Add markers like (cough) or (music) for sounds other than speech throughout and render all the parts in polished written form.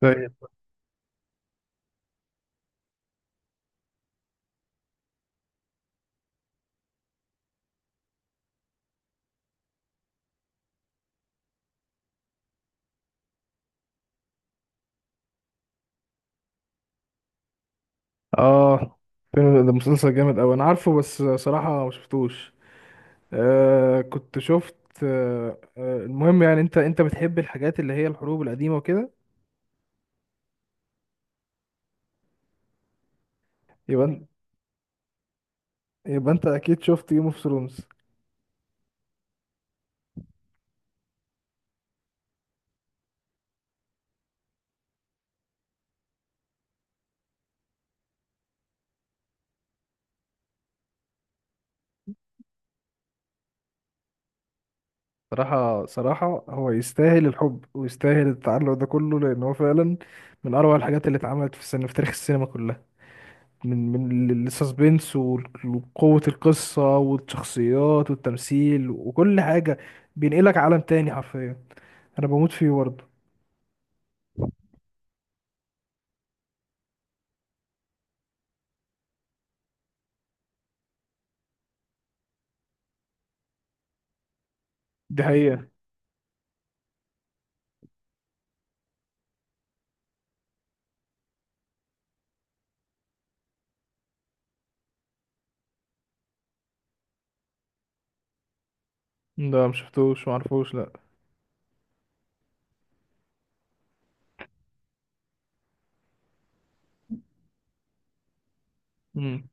طيب. اه فيلم ده مسلسل جامد اوي انا عارفه، بس صراحة ما شفتوش. كنت شفت. المهم، يعني انت بتحب الحاجات اللي هي الحروب القديمة وكده. يبقى انت يبقى انت اكيد شفت جيم اوف ثرونز. صراحة هو يستاهل الحب ويستاهل التعلق ده كله، لان هو فعلا من اروع الحاجات اللي اتعملت في السينما، في تاريخ السينما كلها. من من السسبنس وقوة القصة والشخصيات والتمثيل وكل حاجة، بينقلك عالم تاني حرفيا. انا بموت فيه برضه. دي حقيقة. ده مشفتوش معرفوش، لأ. مم.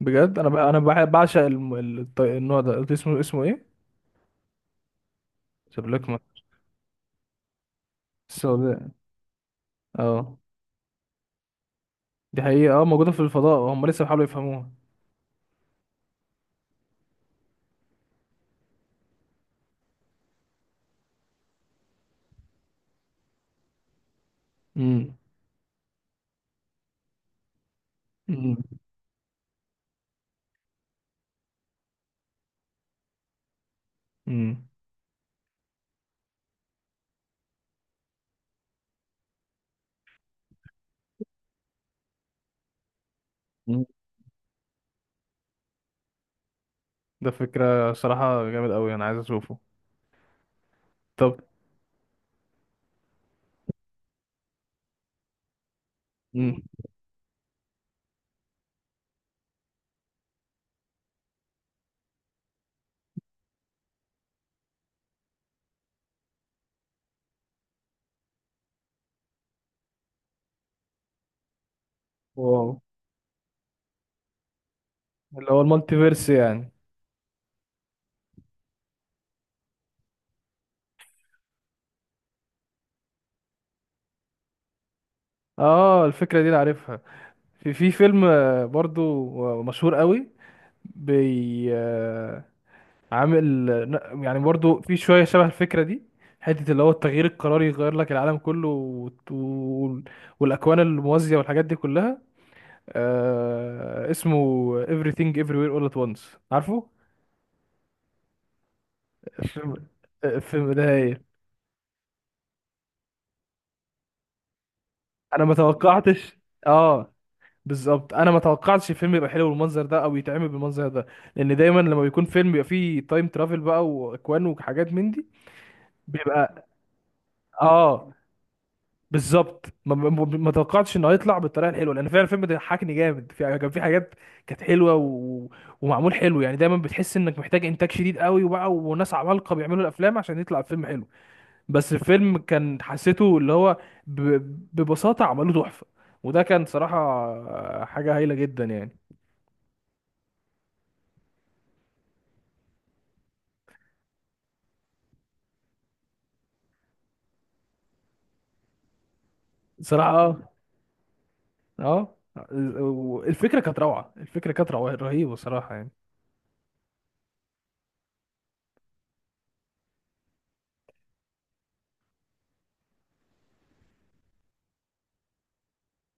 بجد أنا أنا بعشق النوع ده. قلت اسمه، اسمه إيه؟ شبلكمة السوداء. اه دي حقيقة، اه موجودة في الفضاء، هم لسه بيحاولوا يفهموها. امم امم مم. امم ده فكرة صراحة جامد أوي، أنا عايز أشوفه. طب أمم. واو. اللي هو المالتيفيرس يعني. اه الفكرة دي أنا عارفها. في فيلم برضو، مشهور أوي. بي عامل يعني برضو في شوية شبه الفكرة دي، حتة اللي هو التغيير القراري يغير لك العالم كله، والأكوان الموازية والحاجات دي كلها. آه اسمه Everything Everywhere All at Once، عارفه؟ الفيلم الفيلم ده هي. أنا ما توقعتش. آه بالظبط أنا ما توقعتش الفيلم يبقى حلو بالمنظر ده أو يتعمل بالمنظر ده، لأن دايما لما بيكون فيلم بيبقى فيه تايم ترافل بقى وأكوان وحاجات من دي. بيبقى آه بالظبط، ما توقعتش انه هيطلع بالطريقه الحلوه، لان فعلا الفيلم ده ضحكني جامد، في كان في حاجات كانت حلوه ومعمول حلو. يعني دايما بتحس انك محتاج انتاج شديد قوي وبقى وناس عمالقه بيعملوا الافلام عشان يطلع الفيلم حلو، بس الفيلم كان حسيته اللي هو ب... ببساطه عملوه تحفه، وده كان صراحه حاجه هايله جدا يعني. صراحه اه. اه الفكره كانت روعه، الفكره كانت روعه رهيبه صراحه يعني.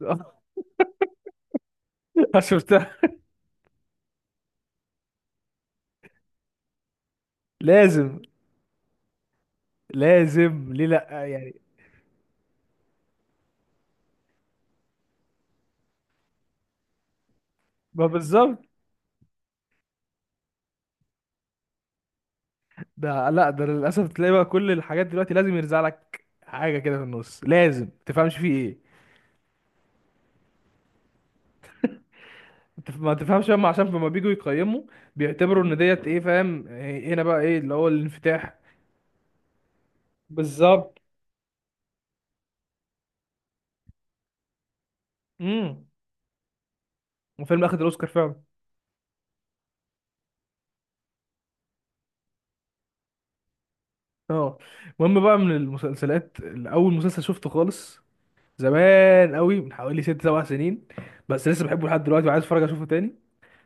(laughs) شفتها. لازم. لازم ليه لا يعني. ما بالظبط. ده لا، ده للاسف تلاقي بقى كل الحاجات دلوقتي لازم يرزع لك حاجه كده في النص لازم تفهمش فيه ايه. ما تفهمش، هم عشان لما بييجوا يقيموا بيعتبروا ان ديت ايه، فاهم إيه هنا بقى، ايه اللي هو الانفتاح. بالظبط. امم. وفيلم اخد الاوسكار فعلا. اه. المهم بقى، من المسلسلات اللي اول مسلسل شفته خالص زمان قوي من حوالي ست سبع سنين، بس لسه بحبه لحد دلوقتي وعايز اتفرج اشوفه تاني،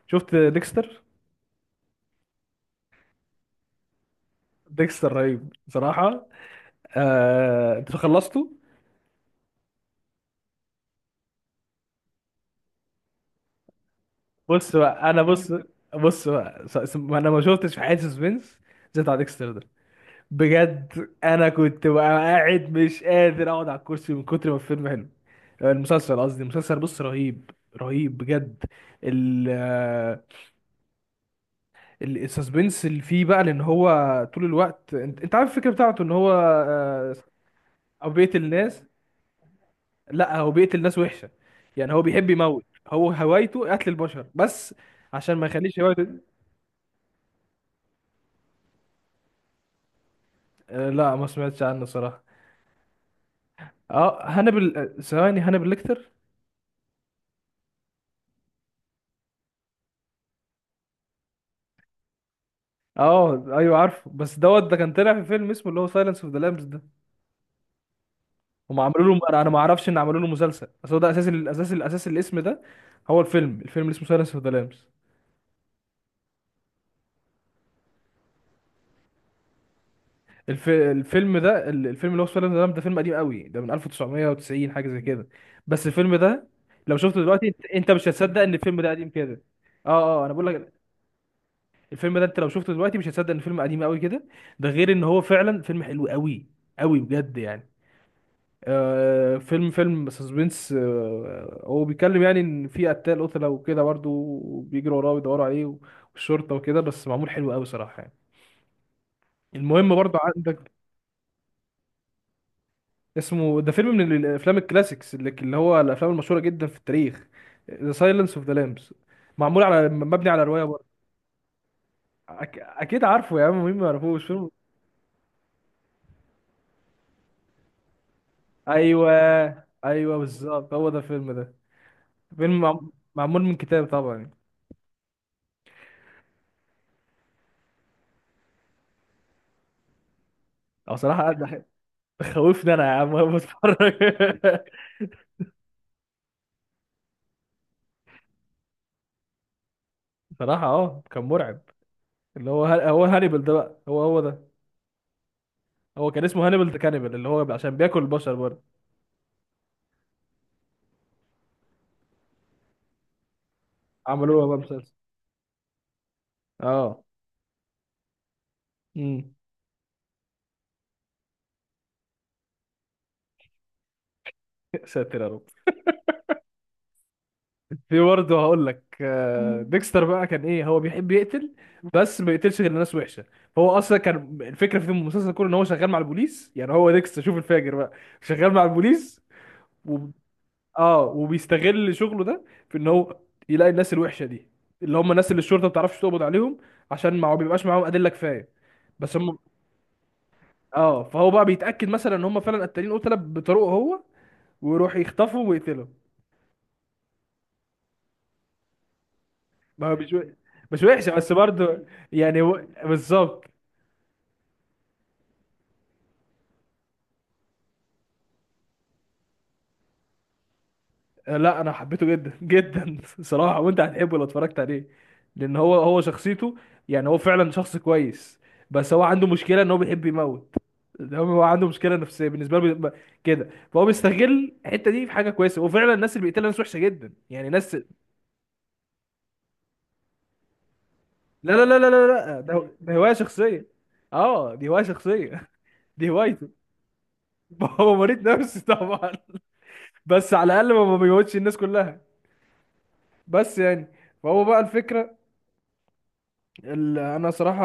شفت ديكستر. ديكستر رهيب بصراحه. آه... انت خلصته؟ بص. بص بقى. س- س- ما انا ما شفتش في حياتي سسبنس زي بتاع ديكستر ده. بجد انا كنت بقى قاعد مش قادر اقعد على الكرسي من كتر ما الفيلم حلو، المسلسل قصدي، المسلسل بص رهيب، رهيب بجد. ال آه، السسبنس اللي فيه بقى، لان هو طول الوقت انت عارف الفكره بتاعته ان هو آه، او بيقتل الناس. لا هو بيقتل ناس وحشه، يعني هو بيحب يموت، هو هوايته قتل البشر بس، عشان ما يخليش هوايته. آه، لا ما سمعتش عنه صراحة. اه هانبل، آه، ثواني، هانبل ليكتر. اه ايوه عارفه، بس دوت ده كان طلع في فيلم اسمه اللي هو سايلنس اوف ذا لامبس ده، هم عملوا له، أنا ما اعرفش ان عملوا له مسلسل، بس هو ده اساس، الاساس الاسم ده، هو الفيلم، الفيلم اللي اسمه سايلنس اوف ذا لامبس. الفيلم ده، الفيلم اللي هو سايلنس اوف ذا لامبس ده، فيلم قديم قوي، ده من 1990 حاجة زي كده. بس الفيلم ده لو شفته دلوقتي أنت مش هتصدق ان الفيلم ده قديم كده. اه. اه انا بقول لك، الفيلم ده انت لو شفته دلوقتي مش هتصدق ان فيلم قديم قوي كده، ده غير ان هو فعلا فيلم حلو قوي، قوي بجد يعني. آه فيلم، فيلم سسبنس، آه هو بيتكلم يعني ان في قتال قتله وكده برضه وبيجروا وراه ويدوروا عليه والشرطه وكده، بس معمول حلو قوي صراحه يعني. المهم برضه عندك. اسمه ده فيلم من الافلام الكلاسيكس، اللي هو الافلام المشهوره جدا في التاريخ، ذا سايلنس اوف ذا لامبس، معمول على مبني على روايه برضه. اكيد عارفه يا عم، مين ما يعرفوش. ايوه، ايوه بالظبط، هو ده الفيلم ده. فيلم معمول من كتاب طبعا يعني. او صراحه قعد خوفني انا يا عم وانا بتفرج. (laughs) صراحه اه كان مرعب. اللي هو هانيبال ده بقى، هو ده، هو كان اسمه هانيبال ده كانيبال اللي هو عشان بياكل البشر برضه. عملوها بقى مسلسل. اه. امم. (laughs) ساتر يا رب. في برضه هقول لك، آه، مم. ديكستر بقى كان ايه، هو بيحب يقتل، بس ما بيقتلش غير الناس وحشه، فهو اصلا كان الفكره في المسلسل كله ان هو شغال مع البوليس، يعني هو ديكستر شوف الفاجر بقى، شغال مع البوليس و... اه، وبيستغل شغله ده في ان هو يلاقي الناس الوحشه دي، اللي هم الناس اللي الشرطه ما بتعرفش تقبض عليهم عشان ما بيبقاش معاهم ادله كفايه، بس هم اه. فهو بقى بيتاكد مثلا ان هم فعلا قتالين قتله بطريقه هو، ويروح يخطفهم ويقتلهم. ما هو مش، مش وحشه بس برضه، يعني هو- بالظبط. آه، لا انا حبيته جدا (laughs) جدا صراحه، وانت هتحبه لو اتفرجت عليه، لان هو، هو شخصيته يعني هو فعلا شخص كويس، بس هو عنده مشكله ان هو بيحب يموت، ده هو عنده مشكله نفسيه بالنسبه له، كده، فهو بيستغل الحته دي في حاجه كويسه، وفعلا الناس اللي بيقتلها ناس وحشه جدا، يعني ناس. لا، ده هوايه شخصيه. اه دي هوايه شخصيه. (laughs) دي هوايته. (laughs) هو مريض نفسي طبعا، بس على الاقل ما بيموتش الناس كلها بس يعني. فهو بقى الفكره، انا صراحه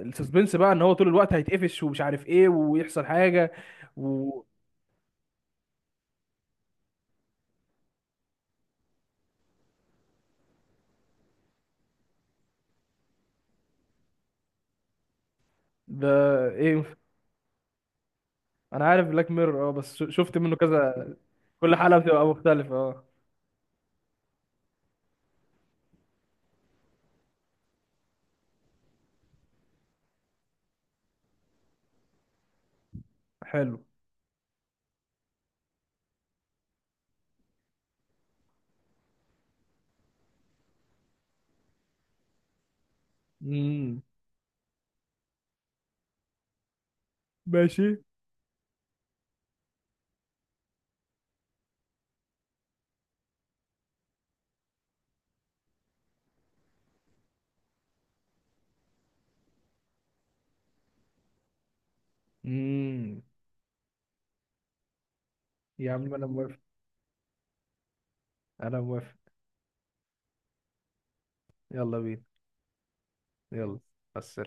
السسبنس بقى ان هو طول الوقت هيتقفش ومش عارف ايه ويحصل حاجه و ده ايه. انا عارف بلاك ميرور اه، بس شفت منه كذا. كل حلقه بتبقى مختلفه اه. حلو. امم. ماشي. امم. يا عم انا موافق، انا موافق. يلا بينا. يلا. بس.